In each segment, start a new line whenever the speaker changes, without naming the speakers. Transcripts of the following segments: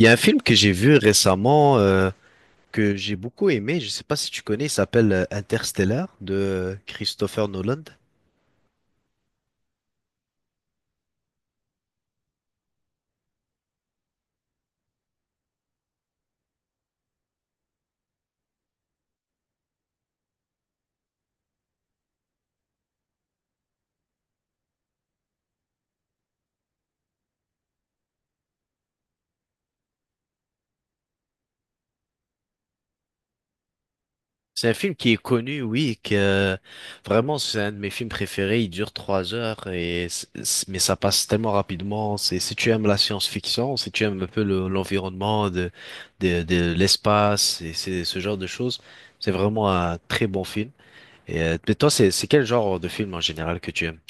Il y a un film que j'ai vu récemment que j'ai beaucoup aimé, je ne sais pas si tu connais, il s'appelle Interstellar de Christopher Nolan. C'est un film qui est connu, oui, que vraiment c'est un de mes films préférés. Il dure trois heures et mais ça passe tellement rapidement. C'est si tu aimes la science-fiction, si tu aimes un peu l'environnement de de l'espace et c'est ce genre de choses, c'est vraiment un très bon film. Et mais toi, c'est quel genre de film en général que tu aimes?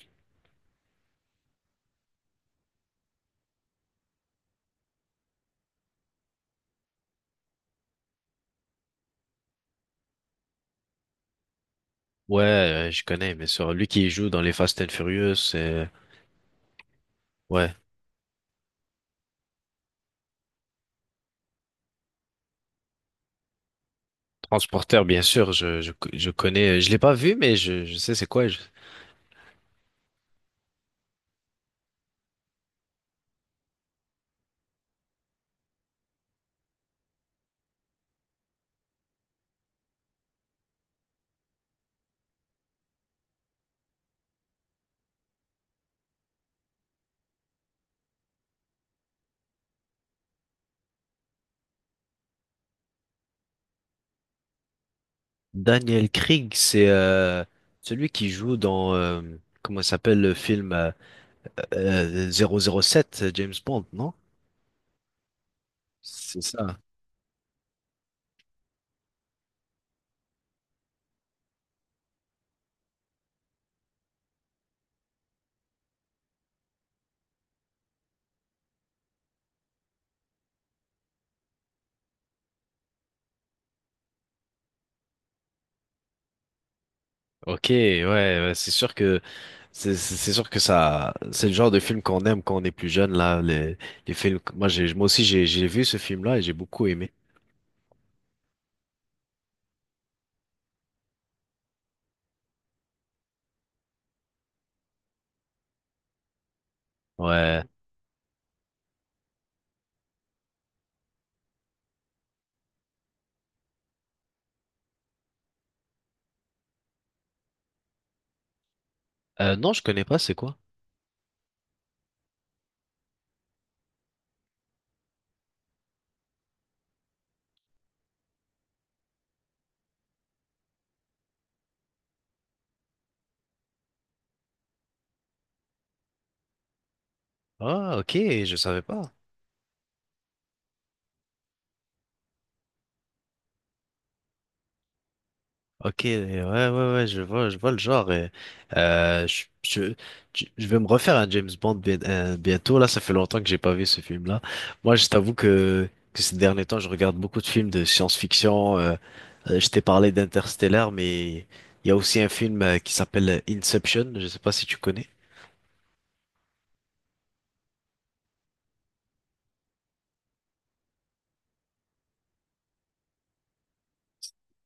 Ouais, je connais, bien sûr. Lui qui joue dans les Fast and Furious, ouais. Transporteur, bien sûr, je connais. Je l'ai pas vu, mais je sais c'est quoi. Je- Daniel Craig, c'est celui qui joue dans, comment ça s'appelle le film 007, James Bond, non? C'est ça. Ok, ouais, ouais, c'est sûr que c'est sûr que ça c'est le genre de film qu'on aime quand on est plus jeune là les films moi j'ai moi aussi j'ai vu ce film là et j'ai beaucoup aimé. Ouais. Non, je connais pas, c'est quoi? Ah, ok, je savais pas. Ok, ouais, ouais, ouais, je vois le genre. Et, euh, je, je, je vais me refaire un James Bond bientôt. Là, ça fait longtemps que j'ai pas vu ce film-là. Moi, je t'avoue que ces derniers temps, je regarde beaucoup de films de science-fiction. Je t'ai parlé d'Interstellar, mais il y a aussi un film qui s'appelle Inception. Je sais pas si tu connais.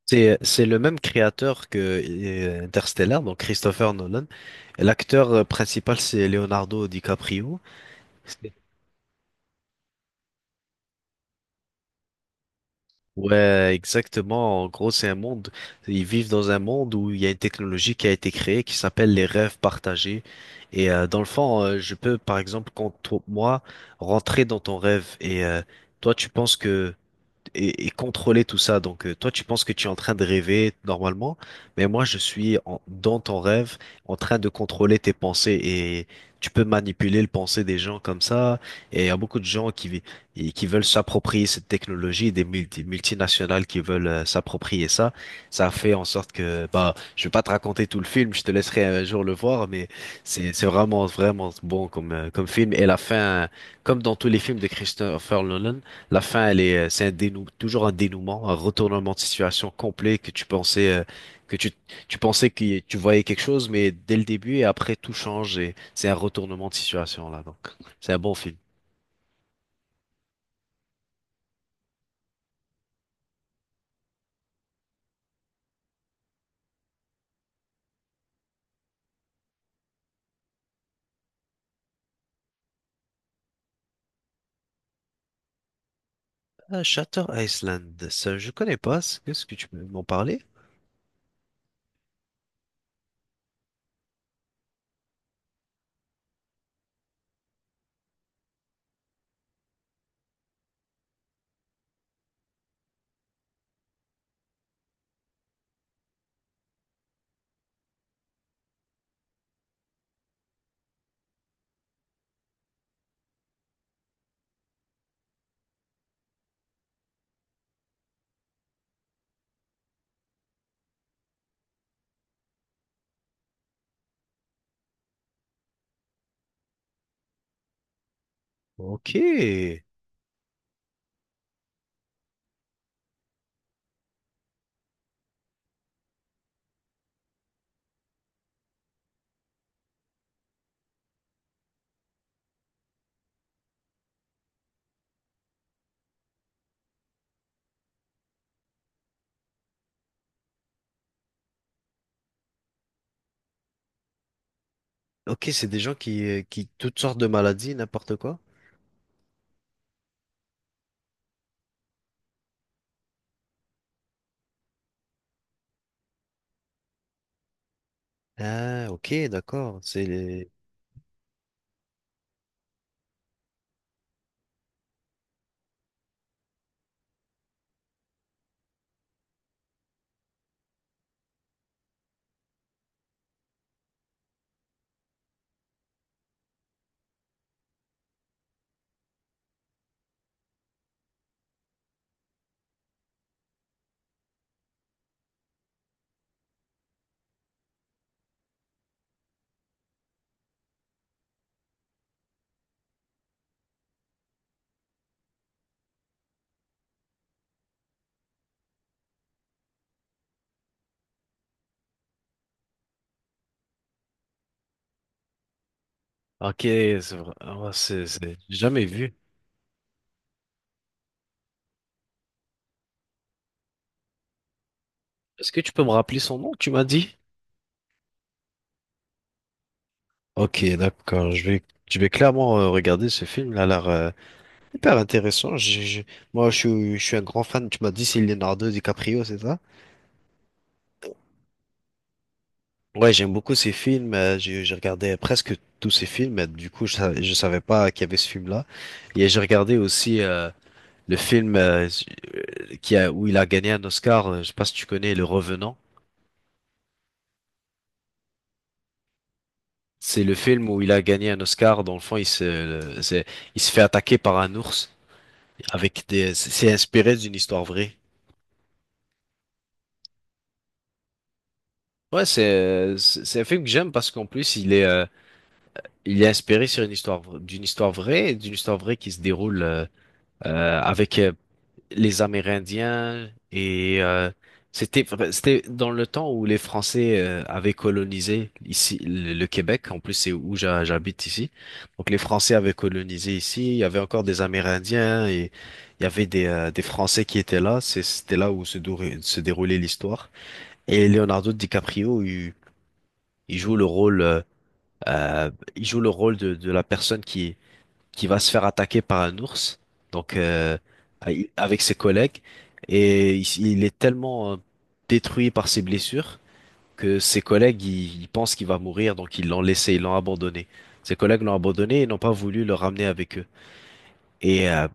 C'est le même créateur que Interstellar, donc Christopher Nolan. Et l'acteur principal, c'est Leonardo DiCaprio. C'est- Ouais, exactement. En gros, c'est un monde. Ils vivent dans un monde où il y a une technologie qui a été créée qui s'appelle les rêves partagés. Et dans le fond, je peux, par exemple, moi, rentrer dans ton rêve et toi, tu penses que et contrôler tout ça. Donc, toi, tu penses que tu es en train de rêver normalement, mais moi, dans ton rêve, en train de contrôler tes pensées et tu peux manipuler le pensée des gens comme ça. Et il y a beaucoup de gens et qui veulent s'approprier cette technologie, des multinationales qui veulent s'approprier ça. Ça fait en sorte que, bah, je vais pas te raconter tout le film, je te laisserai un jour le voir, mais c'est vraiment, vraiment bon comme, comme film. Et la fin, comme dans tous les films de Christopher Nolan, la fin, elle est, toujours un dénouement, un retournement de situation complet que tu pensais, que tu, tu pensais que tu voyais quelque chose, mais dès le début et après tout change et c'est un retournement de situation là. Donc, c'est un bon film. Shutter Island, ça, je connais pas. Est-ce que tu peux m'en parler? Ok, ok, c'est des gens qui toutes sortes de maladies, n'importe quoi. Ah, ok, d'accord. C'est les- Ok, c'est vrai. Oh, c'est- j'ai jamais vu. Est-ce que tu peux me rappeler son nom, tu m'as dit? Ok, d'accord. Je vais clairement regarder ce film. Il a l'air hyper intéressant. Moi, je suis un grand fan. Tu m'as dit c'est Leonardo DiCaprio, c'est ça? Ouais, j'aime beaucoup ces films. J'ai regardé presque tous ces films. Du coup, je savais pas qu'il y avait ce film-là. Et j'ai regardé aussi le film qui a, où il a gagné un Oscar. Je sais pas si tu connais, Le Revenant. C'est le film où il a gagné un Oscar. Dans le fond, c'est- il se fait attaquer par un ours avec des, c'est inspiré d'une histoire vraie. Ouais, c'est un film que j'aime parce qu'en plus, il est inspiré sur une histoire, d'une histoire vraie, et d'une histoire vraie qui se déroule avec les Amérindiens et c'était c'était dans le temps où les Français avaient colonisé ici le Québec. En plus, c'est où j'habite ici. Donc les Français avaient colonisé ici. Il y avait encore des Amérindiens et il y avait des Français qui étaient là. C'est- C'était là où se déroulait l'histoire. Et Leonardo DiCaprio, il joue le rôle euh, il joue le rôle de la personne qui va se faire attaquer par un ours, donc avec ses collègues, et il est tellement détruit par ses blessures que ses collègues ils pensent qu'il va mourir, donc ils l'ont laissé, ils l'ont abandonné. Ses collègues l'ont abandonné et n'ont pas voulu le ramener avec eux. Et, euh,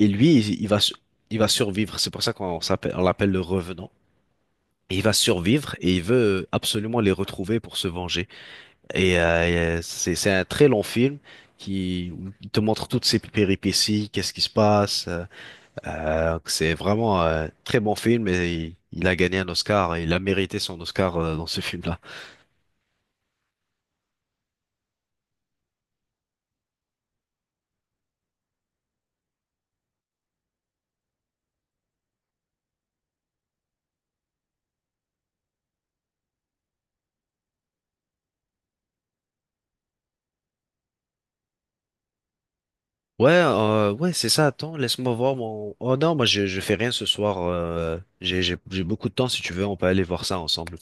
et lui, il va survivre. C'est pour ça qu'on s'appelle, on l'appelle le revenant. Et il va survivre et il veut absolument les retrouver pour se venger. Et c'est un très long film qui te montre toutes ces péripéties, qu'est-ce qui se passe. C'est vraiment un très bon film et il a gagné un Oscar et il a mérité son Oscar dans ce film-là. Ouais, ouais, c'est ça. Attends, laisse-moi voir mon. Oh non, moi je fais rien ce soir. J'ai beaucoup de temps. Si tu veux, on peut aller voir ça ensemble.